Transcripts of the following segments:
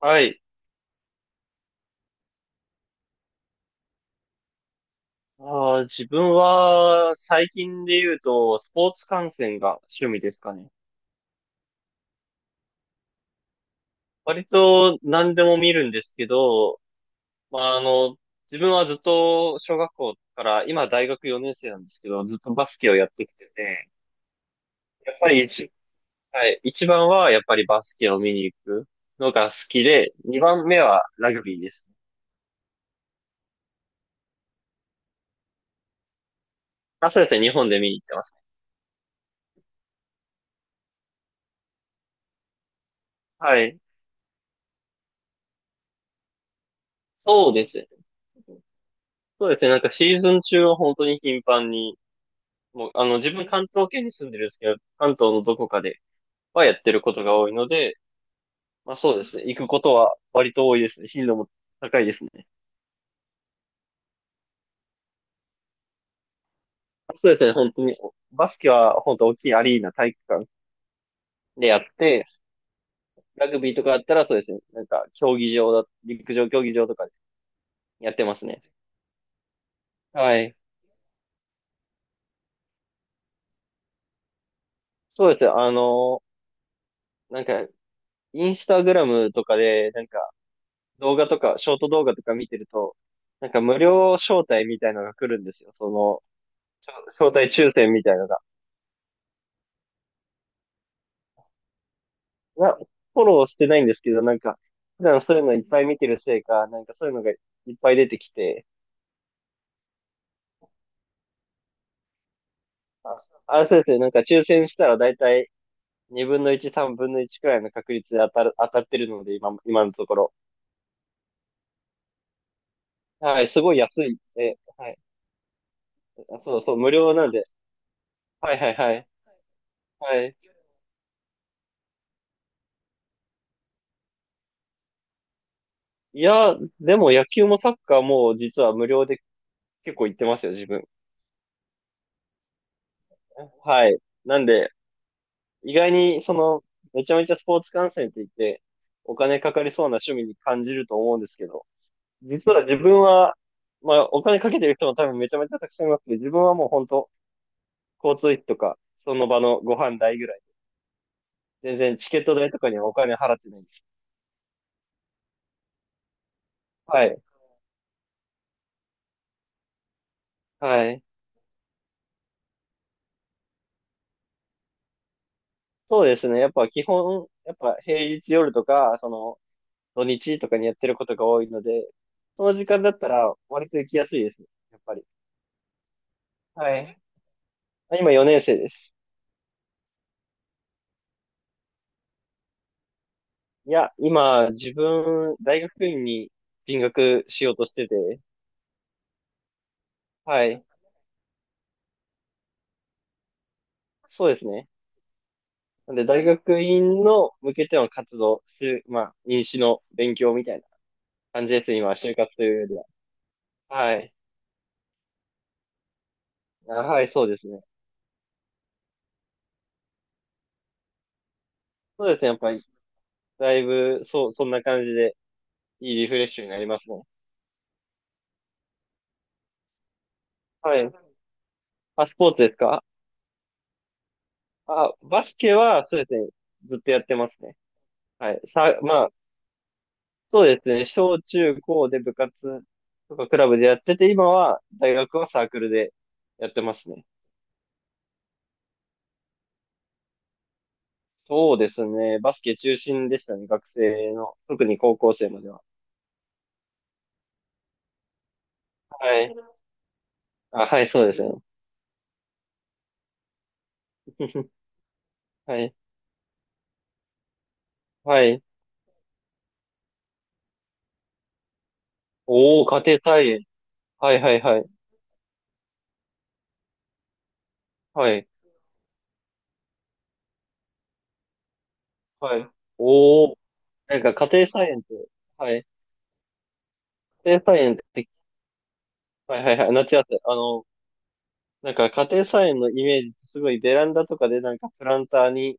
はい。自分は最近で言うとスポーツ観戦が趣味ですかね。割と何でも見るんですけど、まあ、自分はずっと小学校から今大学4年生なんですけど、ずっとバスケをやってきてて、やっぱりはい、一番はやっぱりバスケを見に行くのが好きで、二番目はラグビーですね。あ、そうですね。日本で見に行ってます。はい。そうですね。そうですね。なんかシーズン中は本当に頻繁にもう、自分関東圏に住んでるんですけど、関東のどこかではやってることが多いので、まあそうですね。行くことは割と多いですね。頻度も高いですね。そうですね。本当に、バスケは本当大きいアリーナ体育館でやって、ラグビーとかだったらそうですね。なんか、競技場だ、陸上競技場とかでやってますね。はい。そうですね。なんか、インスタグラムとかで、なんか、動画とか、ショート動画とか見てると、なんか無料招待みたいなのが来るんですよ。招待抽選みたいなのが、な、フォローしてないんですけど、なんか、普段そういうのいっぱい見てるせいか、なんかそういうのがいっぱい出てきて、あ、そうですね、なんか抽選したらだいたい2分の1、3分の1くらいの確率で当たってるので、今のところ。はい、すごい安い。はい。あ、そうそう、無料なんで。はいはいはい。はい。いや、でも野球もサッカーも実は無料で結構行ってますよ、自分。はい。なんで、意外に、めちゃめちゃスポーツ観戦って言って、お金かかりそうな趣味に感じると思うんですけど、実は自分は、まあ、お金かけてる人も多分めちゃめちゃたくさんいますけど、自分はもう本当、交通費とか、その場のご飯代ぐらい、全然チケット代とかにはお金払ってないんです。はい。はい。そうですね。やっぱ基本、やっぱ平日夜とか、土日とかにやってることが多いので、その時間だったら割と行きやすいですね。やっぱり。はい。あ、今4年生です。いや、今、自分、大学院に進学しようとしてて、はい。そうですね。なんで、大学院の向けての活動、しまあ、入試の勉強みたいな感じですね、今、就活というよりは。はい。あ、はい、そうですね。そうですね、やっぱり、だいぶ、そう、そんな感じで、いいリフレッシュになりますね。はい。あ、スポーツですか？あ、バスケは、そうですね、ずっとやってますね。はい。まあ、そうですね。小中高で部活とかクラブでやってて、今は大学はサークルでやってますね。そうですね。バスケ中心でしたね。学生の。特に高校生までは。はい。あ、はい、そうですね。はい。はい。おー、家庭菜園。はいはいはい。はい。はい。おー、なんか家庭菜園って、はい。家庭菜園って、はいはいはい。夏野菜。なんか家庭菜園のイメージってすごいベランダとかでなんかプランターに。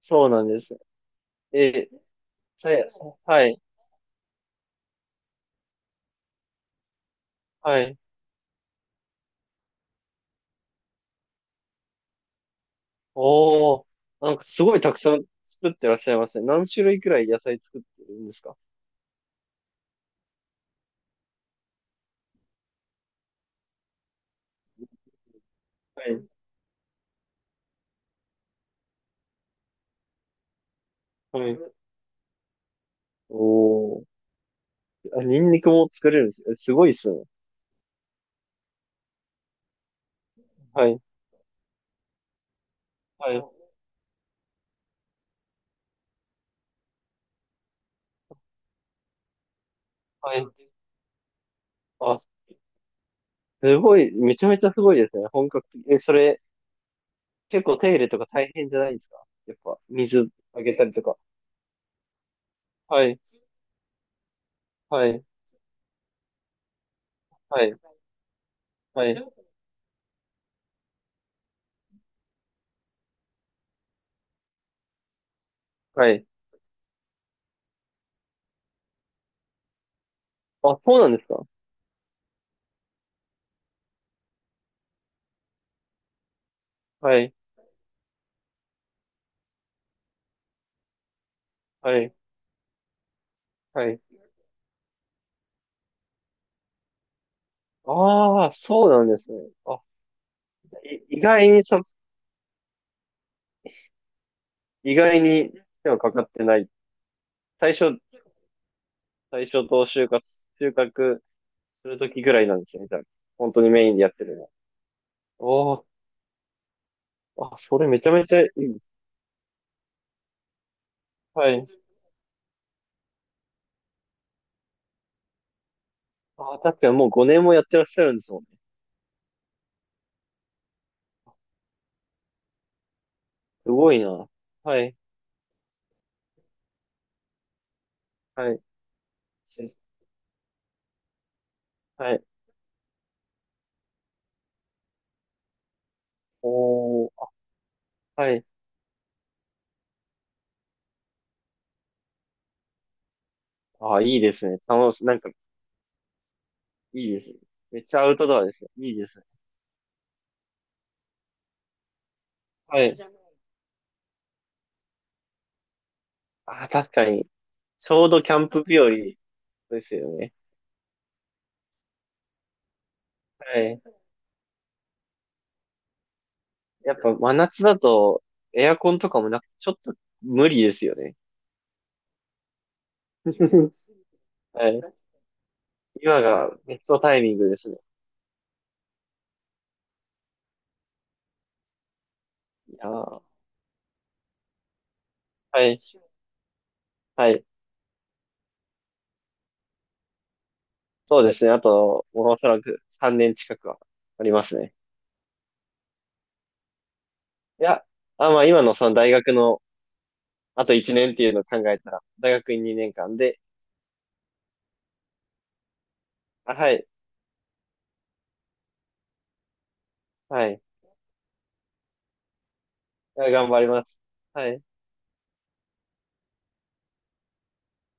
そうなんです。え、さい、はい、はい。おー、なんかすごいたくさん作ってらっしゃいますね。何種類くらい野菜作ってるんですか？はい、はい。おー、あ、ニンニクも作れるんですね。すごいっすね。はい、はい、はい。あ、すごい、めちゃめちゃすごいですね。本格的。え、それ、結構手入れとか大変じゃないですか？やっぱ、水あげたりとか。はい、はい、はい、はい、はい。あ、そうなんですか？はい、はい、はい。ああ、そうなんですね。あ、い意外にそ、意外に手はかかってない。最初、最初と収穫するときぐらいなんですよね、みたいな。本当にメインでやってるのは。おーあ、それめちゃめちゃいいです。はい。あ、確かにもう5年もやってらっしゃるんですもんね。すごいな。はい、はい、はい。おー、はい。あ、いいですね。なんか、いいですね。めっちゃアウトドアですよ。いいですね。はい。あ、確かに。ちょうどキャンプ日和ですよね。はい。やっぱ真夏だとエアコンとかもなくてちょっと無理ですよね。はい。今がベストタイミングですね。いやー、はい。はい。そうですね。あと、もうおそらく3年近くはありますね。いや、あ、まあ今のその大学のあと1年っていうのを考えたら、大学院2年間で、あ、はい。はい。いや頑張ります。はい。